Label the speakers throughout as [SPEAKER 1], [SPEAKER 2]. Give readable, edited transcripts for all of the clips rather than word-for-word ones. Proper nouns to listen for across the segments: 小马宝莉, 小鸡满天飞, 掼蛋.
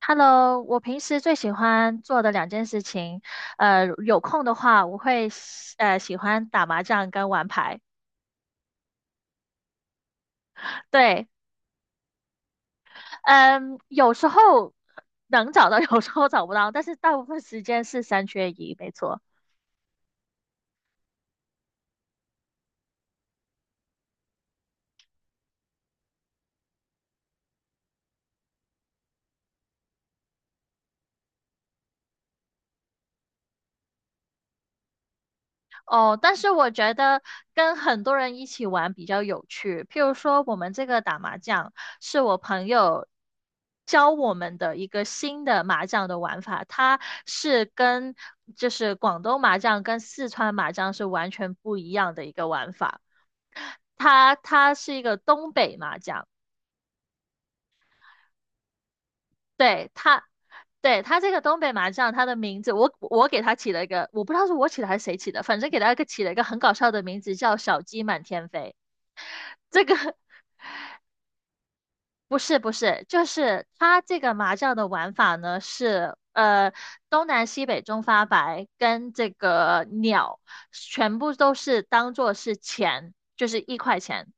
[SPEAKER 1] Hello，我平时最喜欢做的两件事情，有空的话，我会喜欢打麻将跟玩牌。对，嗯，有时候能找到，有时候找不到，但是大部分时间是三缺一，没错。哦，但是我觉得跟很多人一起玩比较有趣。譬如说，我们这个打麻将是我朋友教我们的一个新的麻将的玩法，它是跟就是广东麻将跟四川麻将是完全不一样的一个玩法。它是一个东北麻将，对它。对，它这个东北麻将，它的名字我给它起了一个，我不知道是我起的还是谁起的，反正给它一个起了一个很搞笑的名字，叫“小鸡满天飞”。这个不是，就是它这个麻将的玩法呢是，东南西北中发白跟这个鸟全部都是当做是钱，就是一块钱。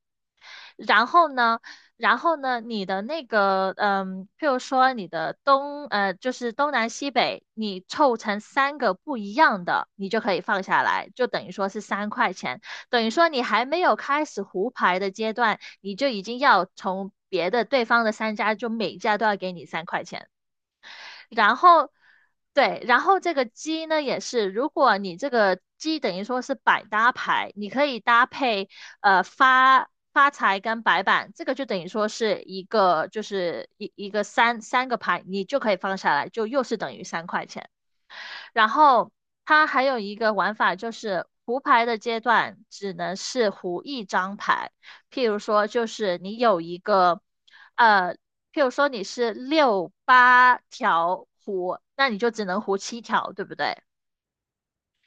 [SPEAKER 1] 然后呢，然后呢，你的那个，嗯，譬如说你的东，就是东南西北，你凑成三个不一样的，你就可以放下来，就等于说是三块钱，等于说你还没有开始胡牌的阶段，你就已经要从别的对方的三家，就每家都要给你三块钱。然后对，然后这个鸡呢也是，如果你这个鸡等于说是百搭牌，你可以搭配发发财跟白板，这个就等于说是一个就是一个三个牌，你就可以放下来，就又是等于三块钱。然后它还有一个玩法就是胡牌的阶段只能是胡一张牌，譬如说就是你有一个呃，譬如说你是六八条胡，那你就只能胡七条，对不对？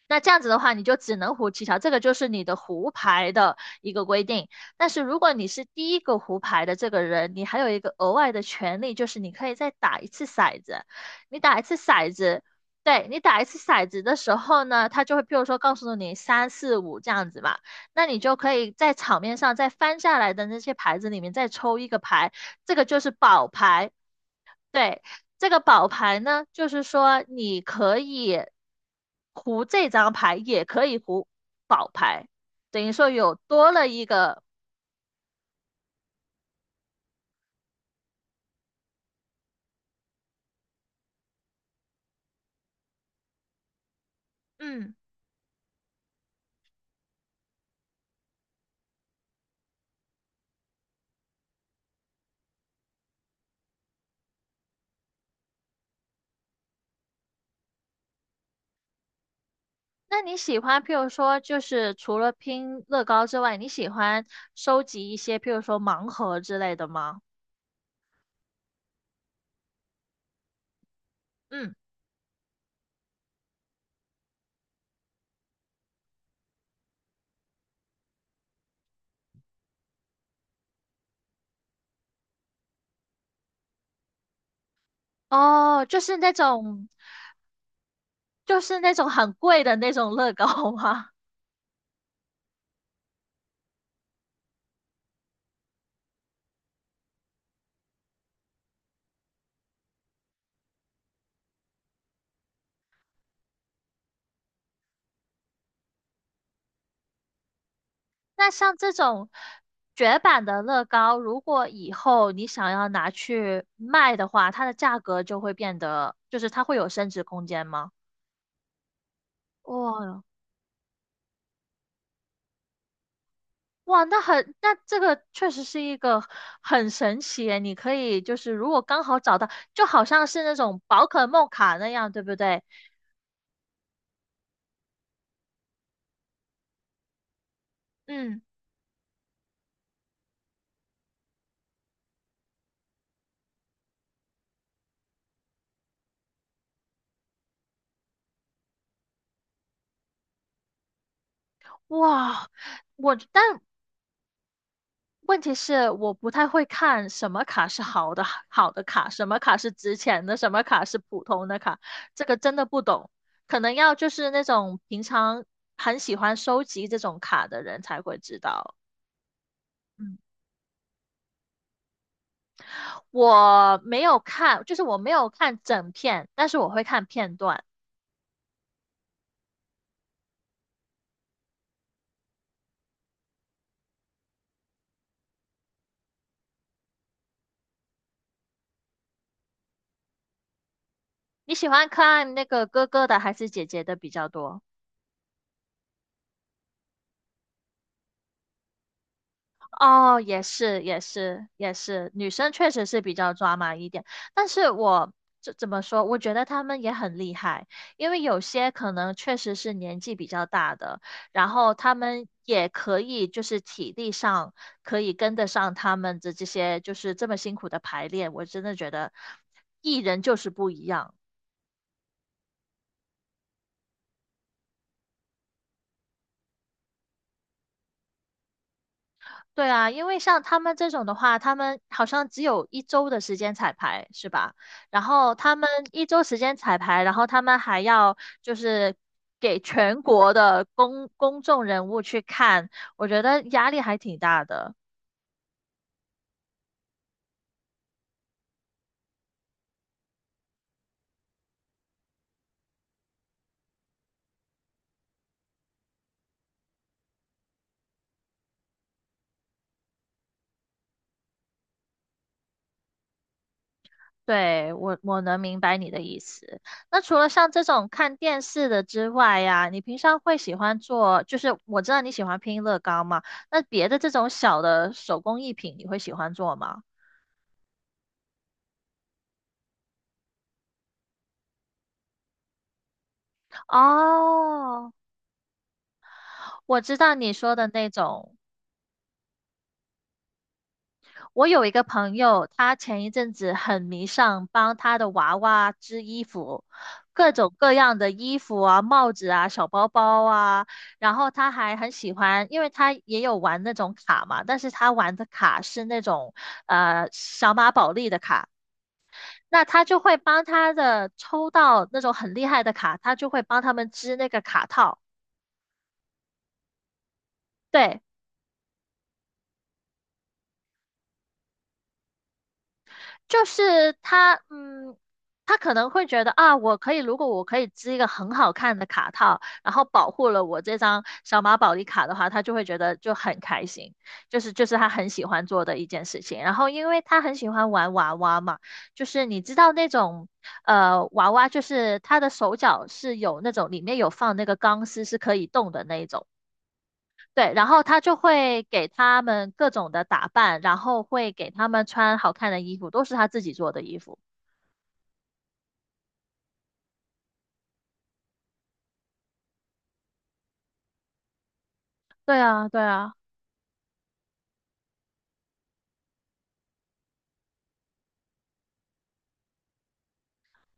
[SPEAKER 1] 那这样子的话，你就只能胡七条，这个就是你的胡牌的一个规定。但是如果你是第一个胡牌的这个人，你还有一个额外的权利，就是你可以再打一次骰子。你打一次骰子，对，你打一次骰子的时候呢，他就会，譬如说告诉你三四五这样子嘛，那你就可以在场面上再翻下来的那些牌子里面再抽一个牌，这个就是宝牌。对，这个宝牌呢，就是说你可以胡这张牌，也可以胡宝牌，等于说有多了一个。嗯，那你喜欢，譬如说，就是除了拼乐高之外，你喜欢收集一些，譬如说盲盒之类的吗？嗯，哦，就是那种，就是那种很贵的那种乐高吗？那像这种绝版的乐高，如果以后你想要拿去卖的话，它的价格就会变得，就是它会有升值空间吗？哇哇，那很，那这个确实是一个很神奇耶你可以就是如果刚好找到，就好像是那种宝可梦卡那样，对不对？嗯，哇，我但问题是我不太会看什么卡是好的卡，什么卡是值钱的，什么卡是普通的卡，这个真的不懂。可能要就是那种平常很喜欢收集这种卡的人才会知道。嗯，我没有看，就是我没有看整片，但是我会看片段。你喜欢看那个哥哥的还是姐姐的比较多？哦，也是，也是，也是，女生确实是比较抓马一点，但是我这怎么说？我觉得她们也很厉害，因为有些可能确实是年纪比较大的，然后她们也可以就是体力上可以跟得上他们的这些就是这么辛苦的排练，我真的觉得艺人就是不一样。对啊，因为像他们这种的话，他们好像只有一周的时间彩排，是吧？然后他们一周时间彩排，然后他们还要就是给全国的公众人物去看，我觉得压力还挺大的。对，我能明白你的意思。那除了像这种看电视的之外呀，你平常会喜欢做，就是我知道你喜欢拼乐高嘛，那别的这种小的手工艺品，你会喜欢做吗？哦，我知道你说的那种。我有一个朋友，他前一阵子很迷上帮他的娃娃织衣服，各种各样的衣服啊、帽子啊、小包包啊。然后他还很喜欢，因为他也有玩那种卡嘛，但是他玩的卡是那种小马宝莉的卡。那他就会帮他的抽到那种很厉害的卡，他就会帮他们织那个卡套。对，就是他，嗯，他可能会觉得啊，我可以，如果我可以织一个很好看的卡套，然后保护了我这张小马宝莉卡的话，他就会觉得就很开心，就是他很喜欢做的一件事情。然后因为他很喜欢玩娃娃嘛，就是你知道那种娃娃，就是他的手脚是有那种里面有放那个钢丝是可以动的那一种。对，然后他就会给他们各种的打扮，然后会给他们穿好看的衣服，都是他自己做的衣服。对啊，对啊。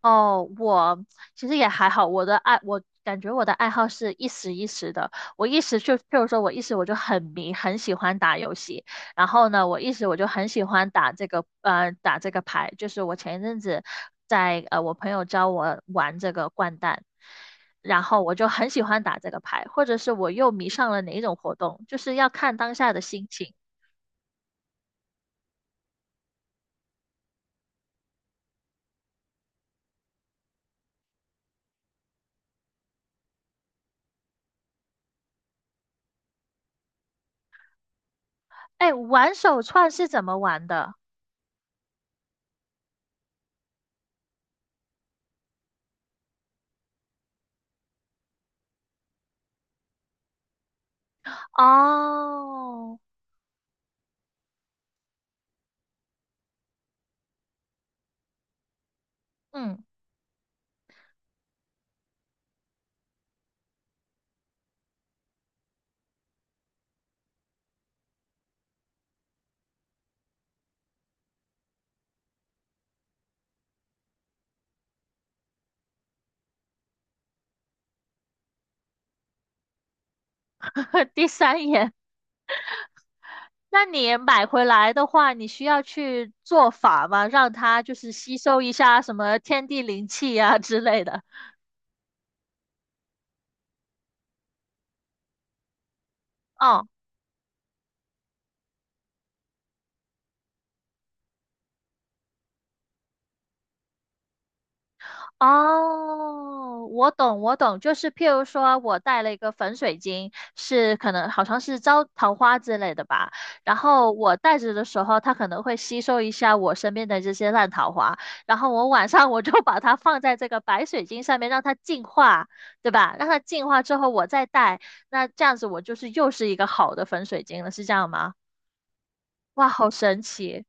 [SPEAKER 1] 哦，我其实也还好，我的爱，我感觉我的爱好是一时一时的。我一时就，譬如说，我一时我就很迷，很喜欢打游戏。然后呢，我一时我就很喜欢打这个，打这个牌。就是我前一阵子在，我朋友教我玩这个掼蛋，然后我就很喜欢打这个牌，或者是我又迷上了哪一种活动，就是要看当下的心情。哎，玩手串是怎么玩的？哦，嗯，第三眼。那你买回来的话，你需要去做法吗？让它就是吸收一下什么天地灵气呀、之类的。嗯，哦，我懂，我懂，就是譬如说，我带了一个粉水晶，是可能好像是招桃花之类的吧。然后我带着的时候，它可能会吸收一下我身边的这些烂桃花。然后我晚上我就把它放在这个白水晶上面，让它净化，对吧？让它净化之后，我再带，那这样子我就是又是一个好的粉水晶了，是这样吗？哇，好神奇！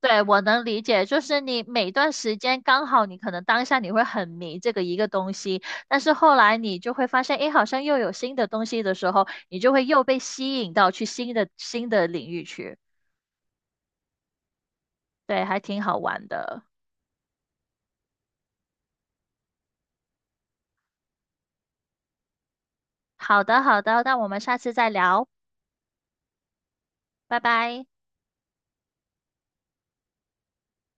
[SPEAKER 1] 对，我能理解，就是你每段时间刚好，你可能当下你会很迷这个一个东西，但是后来你就会发现，诶，好像又有新的东西的时候，你就会又被吸引到去新的领域去。对，还挺好玩的。好的，好的，那我们下次再聊，拜拜。